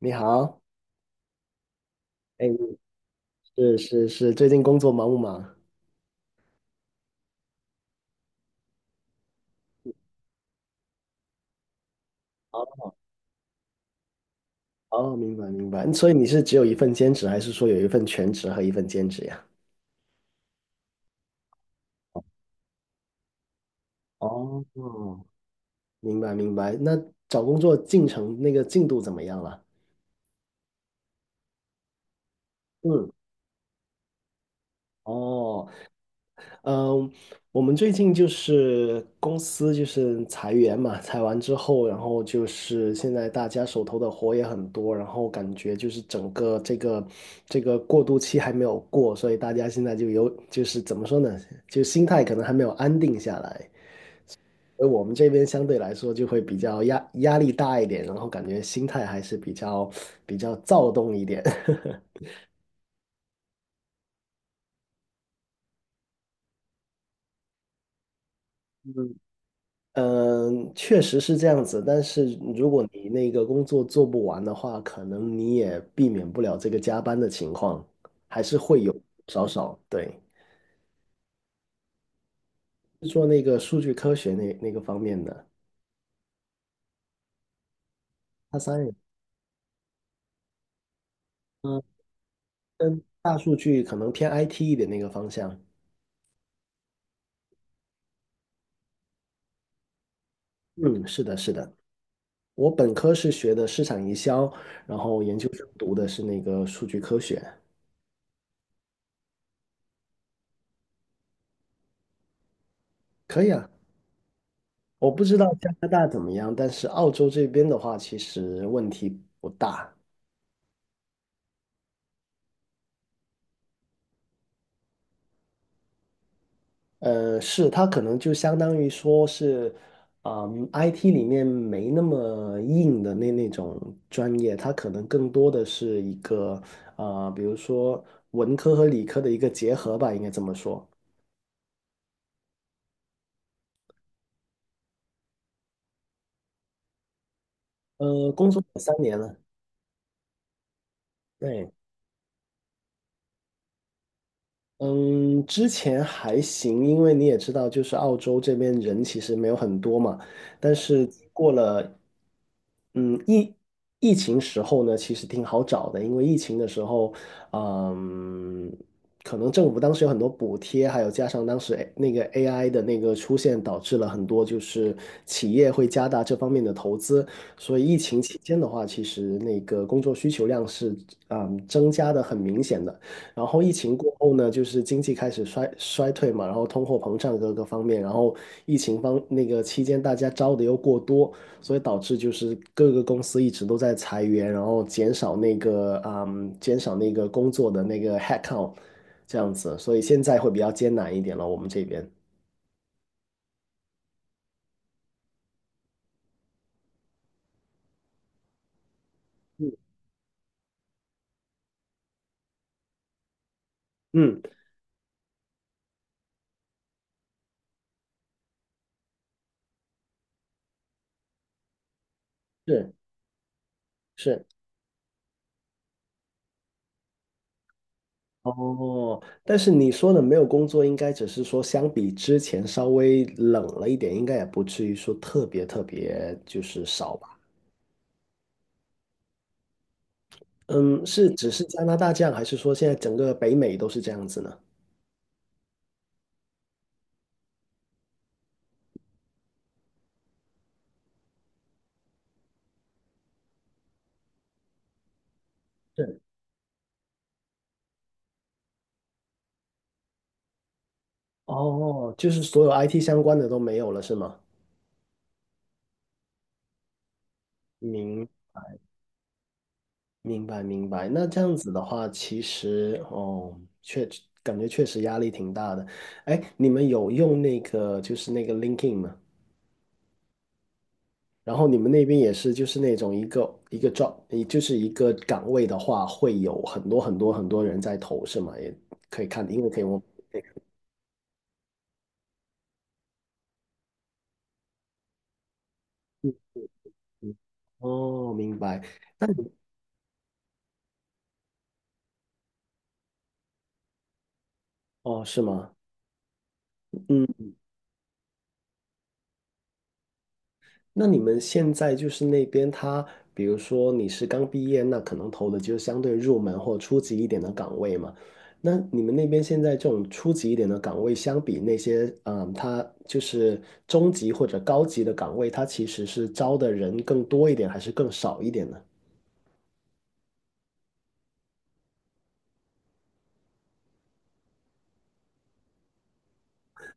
你好，哎，是是是，最近工作忙不忙？哦，明白明白。所以你是只有一份兼职，还是说有一份全职和一份兼职呀？哦，明白明白。那找工作进程那个进度怎么样了？嗯，哦嗯，我们最近就是公司就是裁员嘛，裁完之后，然后就是现在大家手头的活也很多，然后感觉就是整个这个过渡期还没有过，所以大家现在就是怎么说呢，就心态可能还没有安定下来，而我们这边相对来说就会比较压力大一点，然后感觉心态还是比较躁动一点。嗯，确实是这样子，但是如果你那个工作做不完的话，可能你也避免不了这个加班的情况，还是会有少。对，做那个数据科学那个方面的，它三也，嗯，跟大数据可能偏 IT 一点那个方向。嗯，是的，是的，我本科是学的市场营销，然后研究生读的是那个数据科学。可以啊，我不知道加拿大怎么样，但是澳洲这边的话，其实问题不大。是，它可能就相当于说是，嗯，IT 里面没那么硬的那种专业，它可能更多的是一个，比如说文科和理科的一个结合吧，应该这么说。工作了3年了，对，嗯，之前还行，因为你也知道，就是澳洲这边人其实没有很多嘛。但是过了，嗯，疫情时候呢，其实挺好找的，因为疫情的时候，嗯，可能政府当时有很多补贴，还有加上当时 AI 的那个出现，导致了很多就是企业会加大这方面的投资。所以疫情期间的话，其实那个工作需求量是增加的很明显的。然后疫情过后呢，就是经济开始衰退嘛，然后通货膨胀各个方面，然后疫情方那个期间大家招的又过多，所以导致就是各个公司一直都在裁员，然后减少那个工作的那个 headcount 这样子，所以现在会比较艰难一点了，我们这边。嗯嗯，是是。哦，但是你说的没有工作，应该只是说相比之前稍微冷了一点，应该也不至于说特别特别就是少吧。嗯，是只是加拿大这样，还是说现在整个北美都是这样子呢？是，哦，就是所有 IT 相关的都没有了，是吗？明明白明白。那这样子的话，其实哦，确感觉确实压力挺大的。哎，你们有用那个 LinkedIn 吗？然后你们那边也是就是那种一个一个 job，也就是一个岗位的话，会有很多很多很多人在投，是吗？也可以看，因为可以我。嗯嗯哦，明白。哦，是吗？嗯，那你们现在就是那边他，比如说你是刚毕业，那可能投的就是相对入门或初级一点的岗位嘛。那你们那边现在这种初级一点的岗位，相比那些他就是中级或者高级的岗位，他其实是招的人更多一点，还是更少一点呢？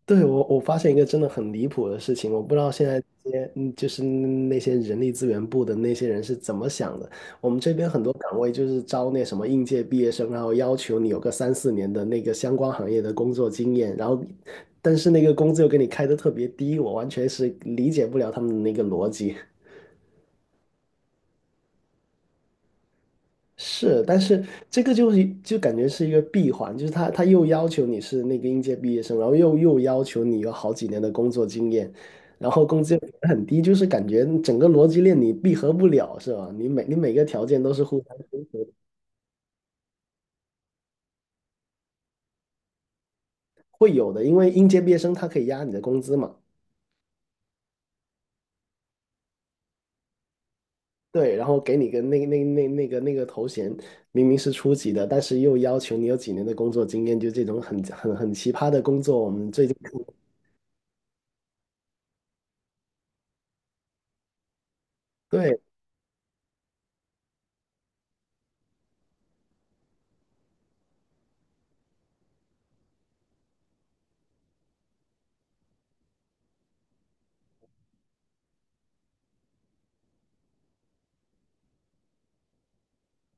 对，我发现一个真的很离谱的事情，我不知道现在这些就是那些人力资源部的那些人是怎么想的。我们这边很多岗位就是招那什么应届毕业生，然后要求你有个3、4年的那个相关行业的工作经验，然后但是那个工资又给你开的特别低，我完全是理解不了他们的那个逻辑。是，但是这个就是感觉是一个闭环，就是他又要求你是那个应届毕业生，然后又要求你有好几年的工作经验，然后工资又很低，就是感觉整个逻辑链你闭合不了，是吧？你每个条件都是互相会有的，因为应届毕业生他可以压你的工资嘛，对，然后给你个那个头衔，明明是初级的，但是又要求你有几年的工作经验，就这种很很很奇葩的工作，我们最近对，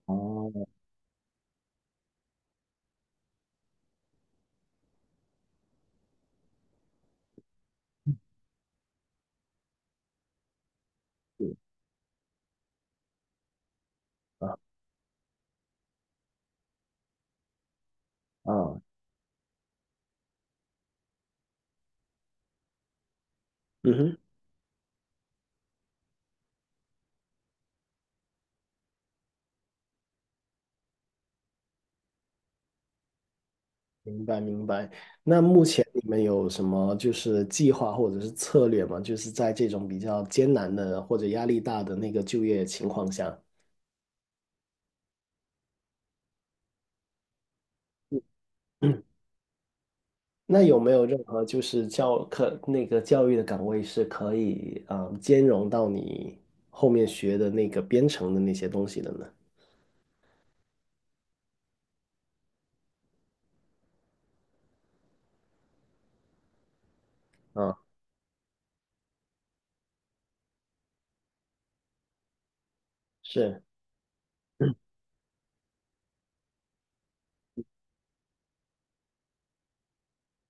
哦，是啊啊，嗯哼。明白明白。那目前你们有什么就是计划或者是策略吗？就是在这种比较艰难的或者压力大的那个就业情况下，嗯那有没有任何就是教课那个教育的岗位是可以兼容到你后面学的那个编程的那些东西的呢？啊，是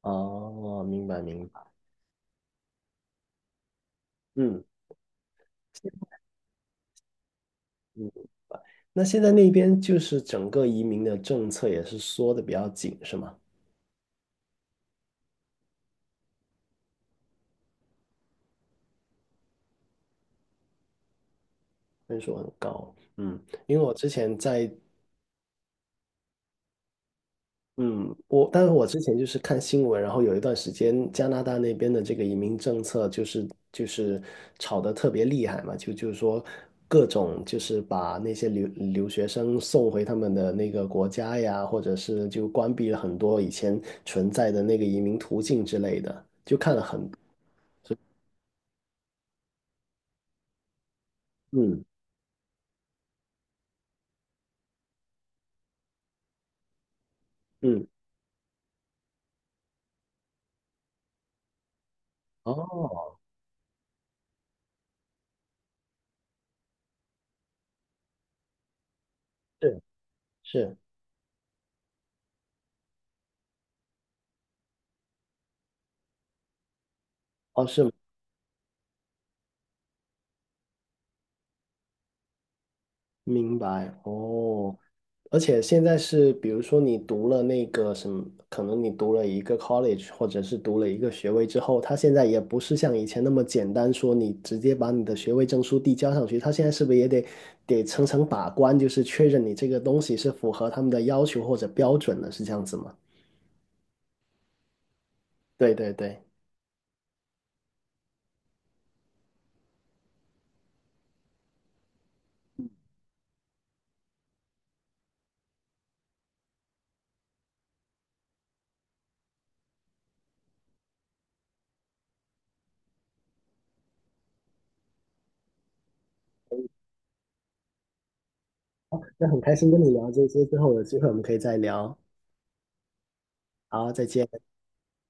哦，明白明白。嗯嗯，那现在那边就是整个移民的政策也是缩的比较紧，是吗？分数很高，嗯，因为我之前在，嗯，我，但是我之前就是看新闻，然后有一段时间加拿大那边的这个移民政策就是吵得特别厉害嘛，就是说各种就是把那些留学生送回他们的那个国家呀，或者是就关闭了很多以前存在的那个移民途径之类的，就看了很，嗯嗯，哦，是是，哦是。明白哦，而且现在是，比如说你读了那个什么，可能你读了一个 college，或者是读了一个学位之后，他现在也不是像以前那么简单，说你直接把你的学位证书递交上去，他现在是不是也得层层把关，就是确认你这个东西是符合他们的要求或者标准的，是这样子吗？对对对，那很开心跟你聊这些之后，有机会我们可以再聊。好，再见。